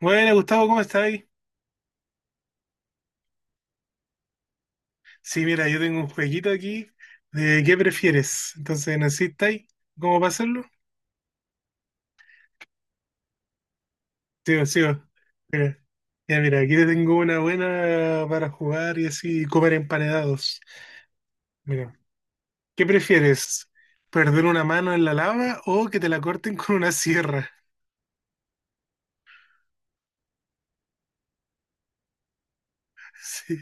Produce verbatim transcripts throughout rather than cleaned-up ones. Bueno, Gustavo, ¿cómo estáis? Sí, mira, yo tengo un jueguito aquí de qué prefieres. Entonces, ¿necesitáis cómo pasarlo? Sigo, sigo. Mira, ya, mira, aquí te tengo una buena para jugar y así comer emparedados. Mira, ¿qué prefieres? ¿Perder una mano en la lava o que te la corten con una sierra? Sí,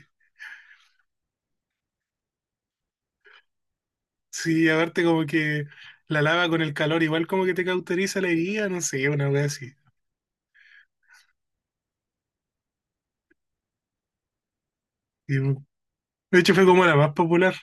sí, aparte como que la lava con el calor igual como que te cauteriza la herida, no sé, una wea así. Y, de hecho fue como la más popular.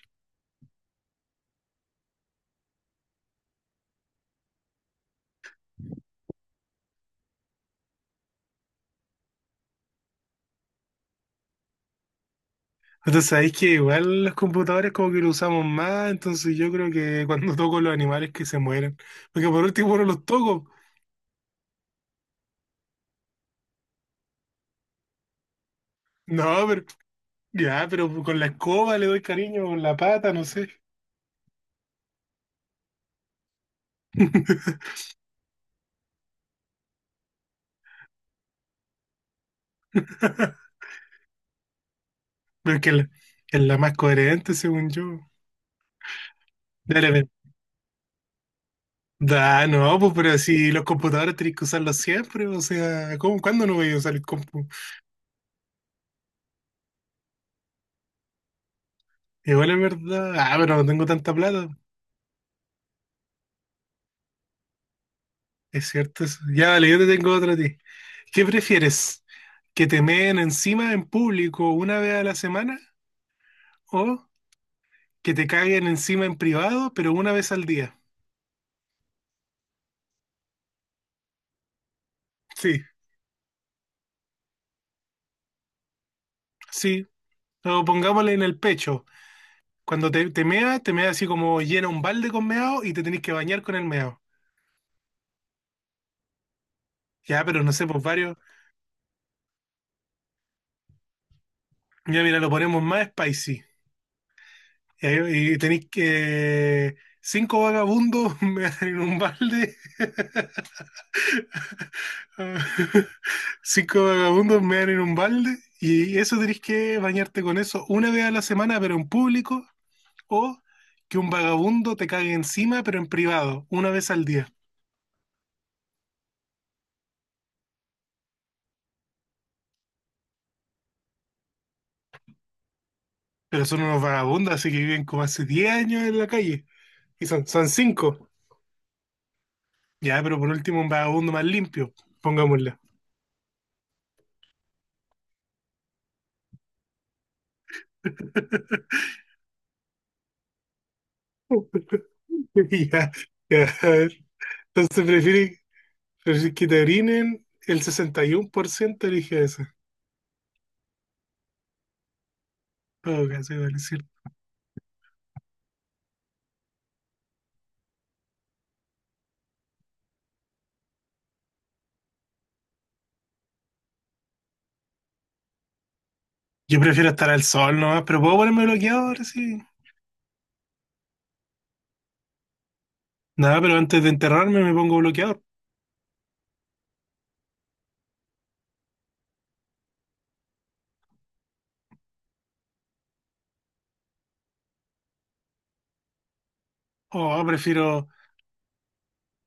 Entonces sabéis que igual los computadores como que lo usamos más, entonces yo creo que cuando toco los animales que se mueren, porque por último no los toco. No, pero ya, pero con la escoba le doy cariño, con la pata, no sé. Pero es que la- es la más coherente, según yo. Dale, ve. Da, no, pues pero si los computadores tenéis que usarlos siempre, o sea, ¿cómo, cuándo no voy a usar el compu? Igual es verdad. Ah, pero no tengo tanta plata. Es cierto eso. Ya, vale, yo te tengo otra a ti. ¿Qué prefieres? ¿Que te meen encima en público una vez a la semana o que te caguen encima en privado, pero una vez al día? Sí, sí. O pongámosle en el pecho. Cuando te, te meas, te meas así como llena un balde con meado y te tenés que bañar con el meado. Ya, pero no sé, pues varios. Ya, mira, lo ponemos más spicy. Y, ahí- y tenéis que, eh, Cinco vagabundos me en un balde. Ah, cinco vagabundos mean en un balde y eso tenés que bañarte con eso una vez a la semana, pero en público, o que un vagabundo te cague encima, pero en privado, una vez al día. Pero son unos vagabundos, así que viven como hace diez años en la calle. Y son, son cinco. Ya, pero por último un vagabundo más limpio, pongámosle. Ya, ya, a ver. Entonces prefieren que te orinen, el sesenta y uno por ciento elige eso. Todo caso, igual es. Yo prefiero estar al sol nomás, pero puedo ponerme bloqueador, sí. Nada, pero antes de enterrarme me pongo bloqueador. O prefiero.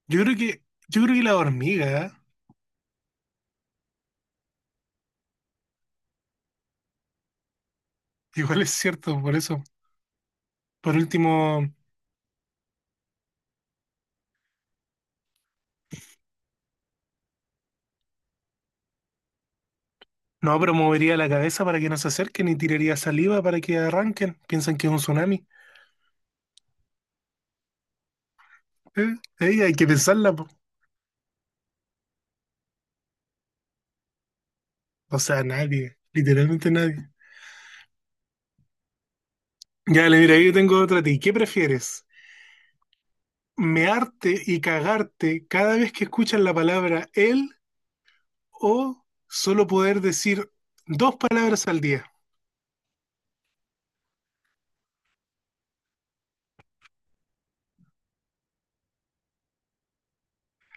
Yo creo que. Yo creo que la hormiga, ¿eh? Igual es cierto, por eso. Por último, no, pero movería la cabeza para que no se acerquen y tiraría saliva para que arranquen. Piensan que es un tsunami. Eh, eh, hay que pensarla, po. O sea, nadie. Literalmente nadie. Ya, le mira, yo tengo otra a ti. ¿Qué prefieres? ¿Mearte y cagarte cada vez que escuchas la palabra él o solo poder decir dos palabras al día?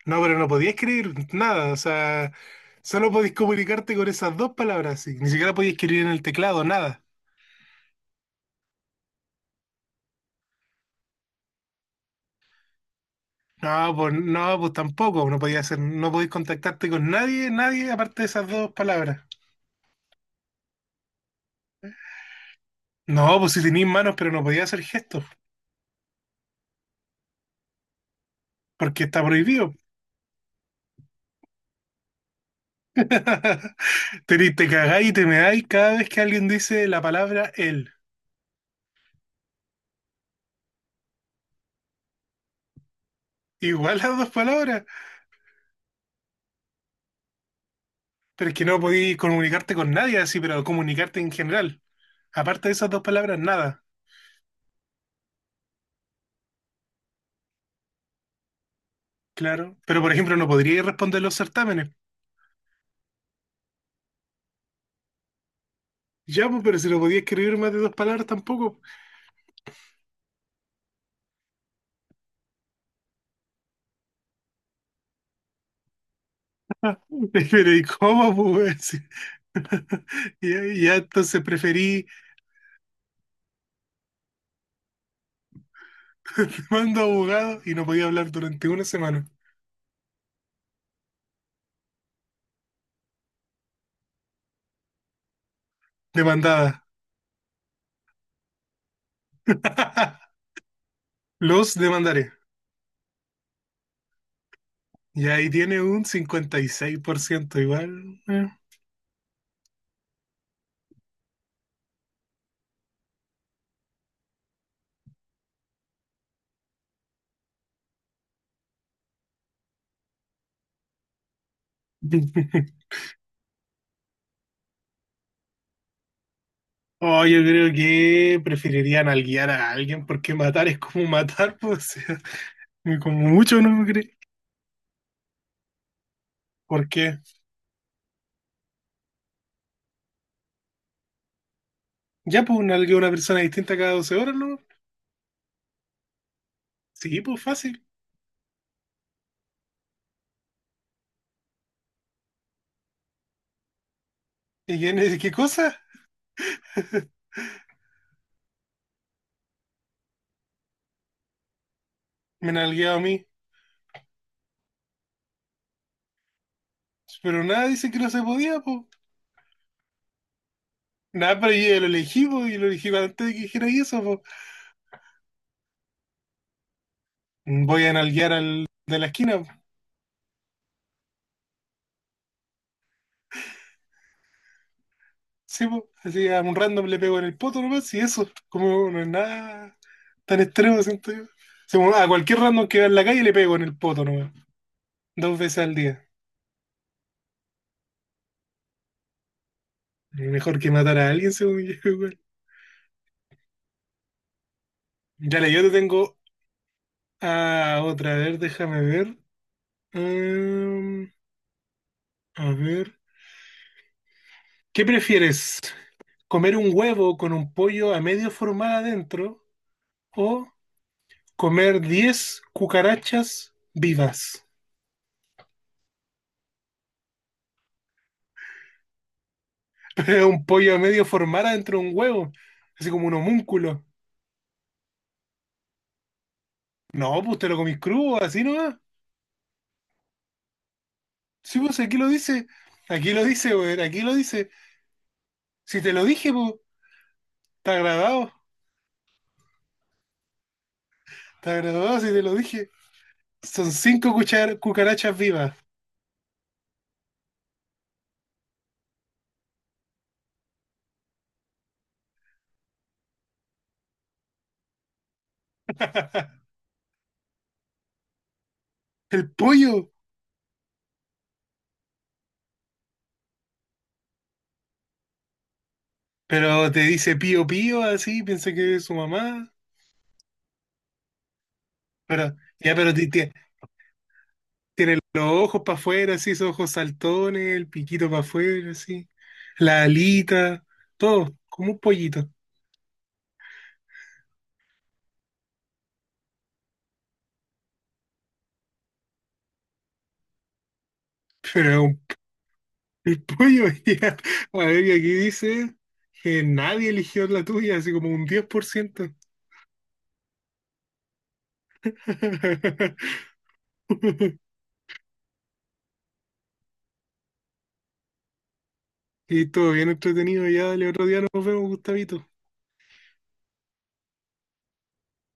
No, pero no podías escribir nada, o sea, solo podías comunicarte con esas dos palabras, sí. Ni siquiera podías escribir en el teclado, nada. No, pues no, pues tampoco, no podías hacer, no podías contactarte con nadie, nadie, aparte de esas dos palabras. No, pues si tenías manos, pero no podías hacer gestos, porque está prohibido. Te, te cagáis y te meáis cada vez que alguien dice la palabra él. Igual las dos palabras. Pero es que no podí comunicarte con nadie así, pero comunicarte en general. Aparte de esas dos palabras, nada. Claro. Pero por ejemplo, no podría responder los certámenes. Ya, pues, pero si no podía escribir más de dos palabras tampoco. Pero ¿y cómo, pues? Ya, ya, entonces preferí, te mando a abogado y no podía hablar durante una semana. Demandada. Los demandaré. Y ahí tiene un cincuenta y seis por ciento igual. eh. Oh, yo creo que preferirían nalguear a alguien porque matar es como matar, pues, o sea, como mucho, ¿no me crees? ¿Por qué? Ya, pues, nalgueo a una persona distinta cada doce horas, ¿no? Sí, pues, fácil. ¿Y quién es? ¿Qué cosa? Me nalgueaba a mí. Pero nada, dice que no se podía, pues. Nada, pero yo ya lo elegí, po, y lo elegí antes de que dijera eso, pues. Voy a nalguear al de la esquina, po. Sí, po, así a un random le pego en el poto nomás y eso, como no es nada tan extremo, siento yo. Sí, bueno, a cualquier random que va en la calle le pego en el poto nomás, dos veces al día. Mejor que matar a alguien, según yo, igual. Dale, yo te tengo a otra, a ver, déjame ver. Mm, a ver, ¿qué prefieres? ¿Comer un huevo con un pollo a medio formar adentro o comer diez cucarachas vivas? Es un pollo a medio formar adentro de un huevo, así como un homúnculo. No, pues te lo comís crudo, así nomás. Sí, pues aquí lo dice, aquí lo dice, weón, aquí lo dice. Si te lo dije, pues, está grabado, está grabado si te lo dije. Son cinco cuchar- cucarachas vivas. El pollo, pero te dice pío pío, así, piensa que es su mamá. Pero, ya, pero ti- ti- tiene los ojos para afuera, así, esos ojos saltones, el piquito para afuera, así, la alita, todo, como un pollito. Pero un- el pollo, ya. A ver, y aquí dice que nadie eligió la tuya, así como un diez por ciento. Y todo bien entretenido, ya dale otro día nos vemos, Gustavito.